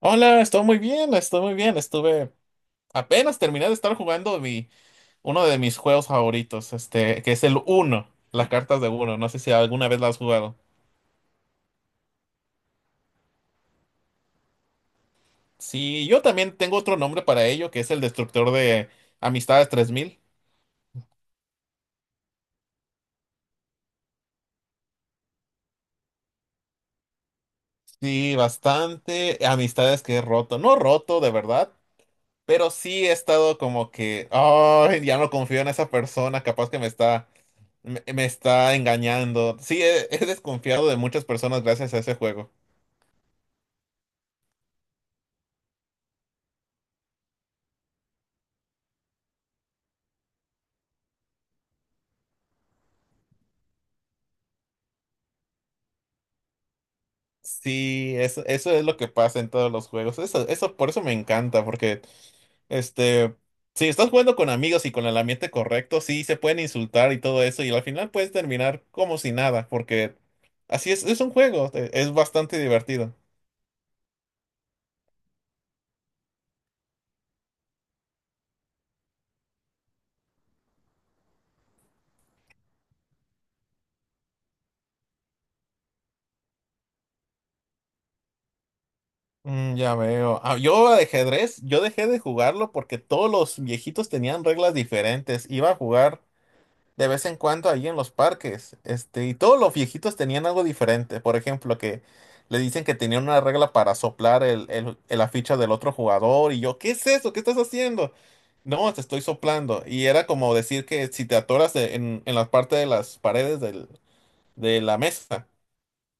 Hola, estoy muy bien, estoy muy bien. Estuve Apenas terminé de estar jugando uno de mis juegos favoritos, que es el Uno, las cartas de Uno. No sé si alguna vez las has jugado. Sí, yo también tengo otro nombre para ello, que es el Destructor de Amistades 3000. Sí, bastante amistades que he roto. No roto, de verdad, pero sí he estado como que, oh, ya no confío en esa persona, capaz que me está engañando. Sí, he desconfiado de muchas personas gracias a ese juego. Sí, eso es lo que pasa en todos los juegos. Por eso me encanta, porque este, si estás jugando con amigos y con el ambiente correcto, sí se pueden insultar y todo eso, y al final puedes terminar como si nada, porque así es un juego, es bastante divertido. Mm, ya veo. Ah, yo de ajedrez, yo dejé de jugarlo porque todos los viejitos tenían reglas diferentes. Iba a jugar de vez en cuando ahí en los parques. Y todos los viejitos tenían algo diferente. Por ejemplo, que le dicen que tenían una regla para soplar la ficha del otro jugador. Y yo, ¿qué es eso? ¿Qué estás haciendo? No, te estoy soplando. Y era como decir que si te atoras en la parte de las paredes de la mesa,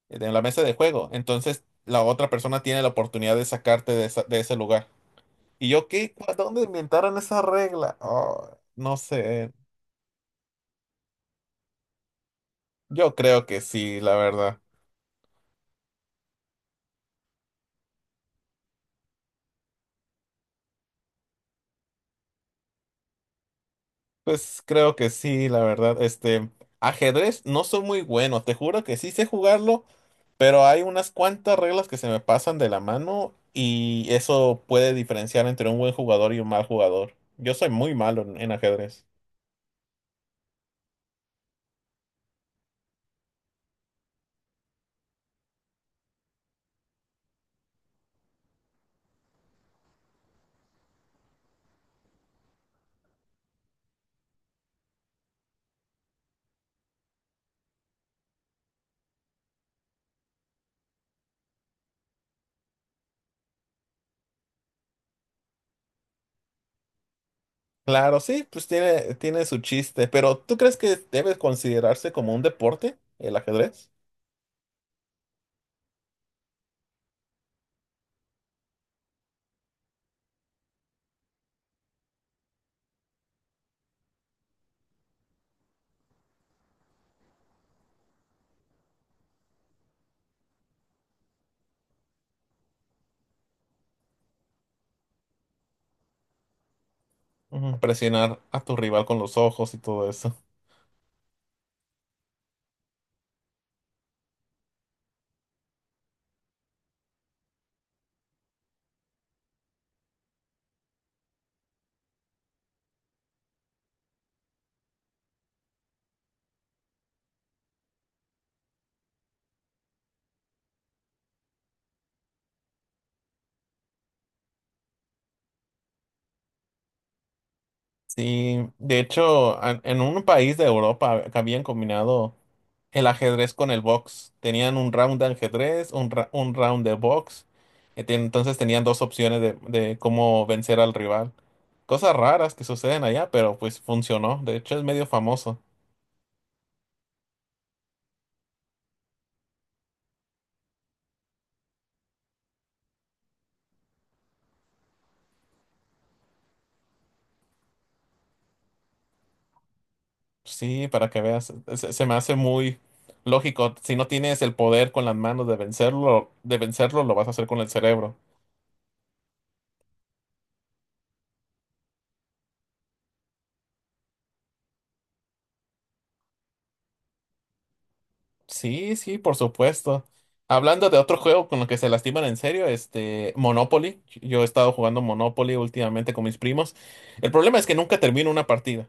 de la mesa de juego, entonces la otra persona tiene la oportunidad de sacarte de ese lugar. Y yo, ¿qué? ¿A ¿Dónde inventaron esa regla? Oh, no sé. Yo creo que sí, la verdad. Pues creo que sí, la verdad. Ajedrez no soy muy bueno, te juro que sí sé jugarlo, pero hay unas cuantas reglas que se me pasan de la mano y eso puede diferenciar entre un buen jugador y un mal jugador. Yo soy muy malo en ajedrez. Claro, sí, pues tiene su chiste, pero ¿tú crees que debe considerarse como un deporte el ajedrez? Ujú, presionar a tu rival con los ojos y todo eso. Sí, de hecho, en un país de Europa habían combinado el ajedrez con el box. Tenían un round de ajedrez, un round de box. Entonces tenían dos opciones de cómo vencer al rival. Cosas raras que suceden allá, pero pues funcionó. De hecho, es medio famoso. Sí, para que veas. Se me hace muy lógico. Si no tienes el poder con las manos de vencerlo, lo vas a hacer con el cerebro. Sí, sí, por supuesto. Hablando de otro juego con lo que se lastiman en serio, Monopoly. Yo he estado jugando Monopoly últimamente con mis primos. El problema es que nunca termino una partida.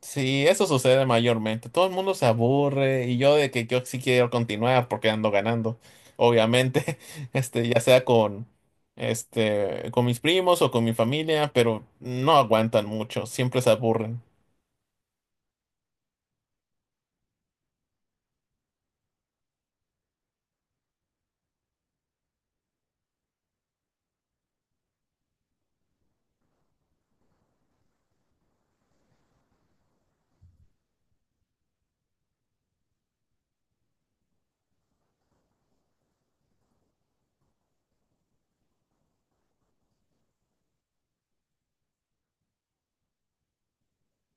Sí, eso sucede mayormente. Todo el mundo se aburre y yo de que yo sí quiero continuar porque ando ganando, obviamente, ya sea con mis primos o con mi familia, pero no aguantan mucho, siempre se aburren.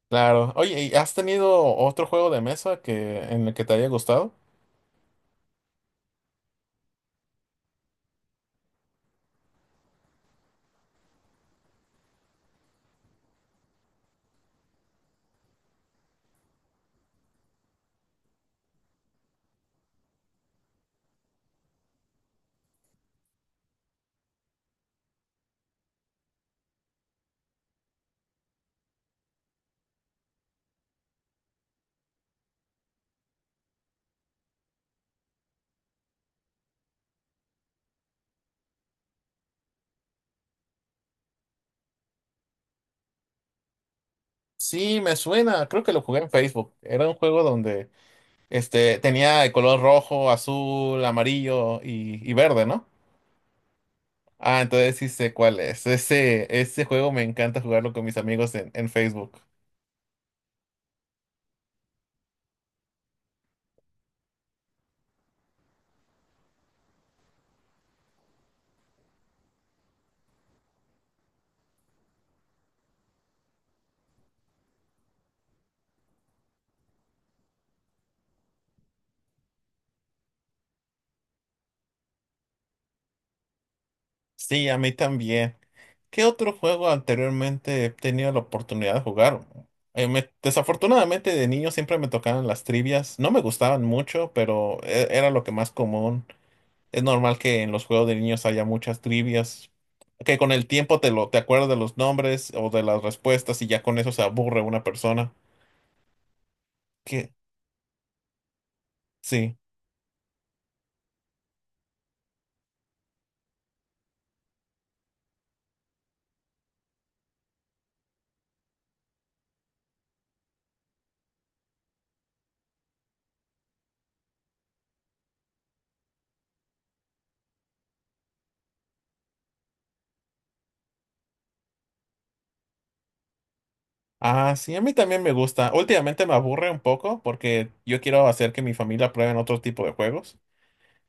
Claro. Oye, ¿y has tenido otro juego de mesa que en el que te haya gustado? Sí, me suena, creo que lo jugué en Facebook. Era un juego donde este tenía el color rojo, azul, amarillo y verde, ¿no? Ah, entonces sí sé cuál es. Ese juego me encanta jugarlo con mis amigos en Facebook. Sí, a mí también. ¿Qué otro juego anteriormente he tenido la oportunidad de jugar? Desafortunadamente de niño siempre me tocaban las trivias. No me gustaban mucho, pero era lo que más común. Es normal que en los juegos de niños haya muchas trivias, que con el tiempo te acuerdas de los nombres o de las respuestas y ya con eso se aburre una persona. Que sí. Ah, sí, a mí también me gusta. Últimamente me aburre un poco porque yo quiero hacer que mi familia pruebe otro tipo de juegos.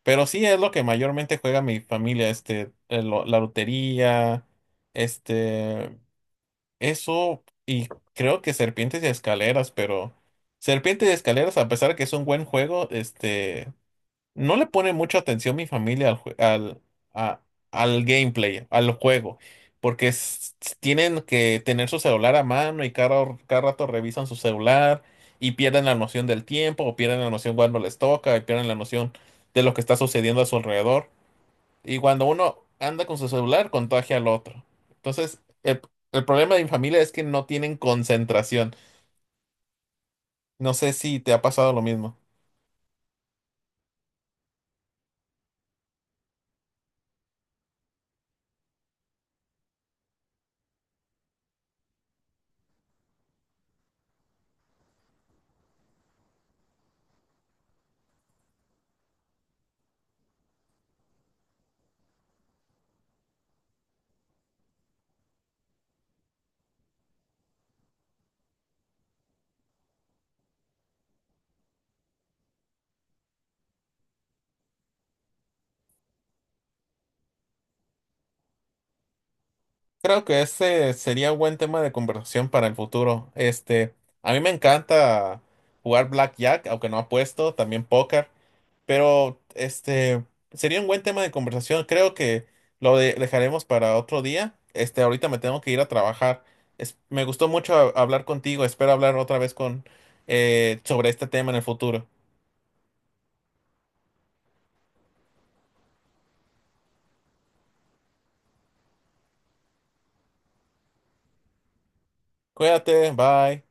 Pero sí es lo que mayormente juega mi familia, la lotería, este, eso y creo que serpientes y escaleras, pero serpientes y escaleras, a pesar de que es un buen juego, no le pone mucha atención mi familia a- al gameplay, al juego, porque tienen que tener su celular a mano y cada rato revisan su celular y pierden la noción del tiempo o pierden la noción cuando les toca y pierden la noción de lo que está sucediendo a su alrededor. Y cuando uno anda con su celular, contagia al otro. Entonces, el problema de mi familia es que no tienen concentración. No sé si te ha pasado lo mismo. Creo que ese sería un buen tema de conversación para el futuro. A mí me encanta jugar blackjack, aunque no apuesto, también póker, pero este sería un buen tema de conversación. Creo que lo dejaremos para otro día. Ahorita me tengo que ir a trabajar. Me gustó mucho hablar contigo. Espero hablar otra vez con sobre este tema en el futuro. Cuídate, bye.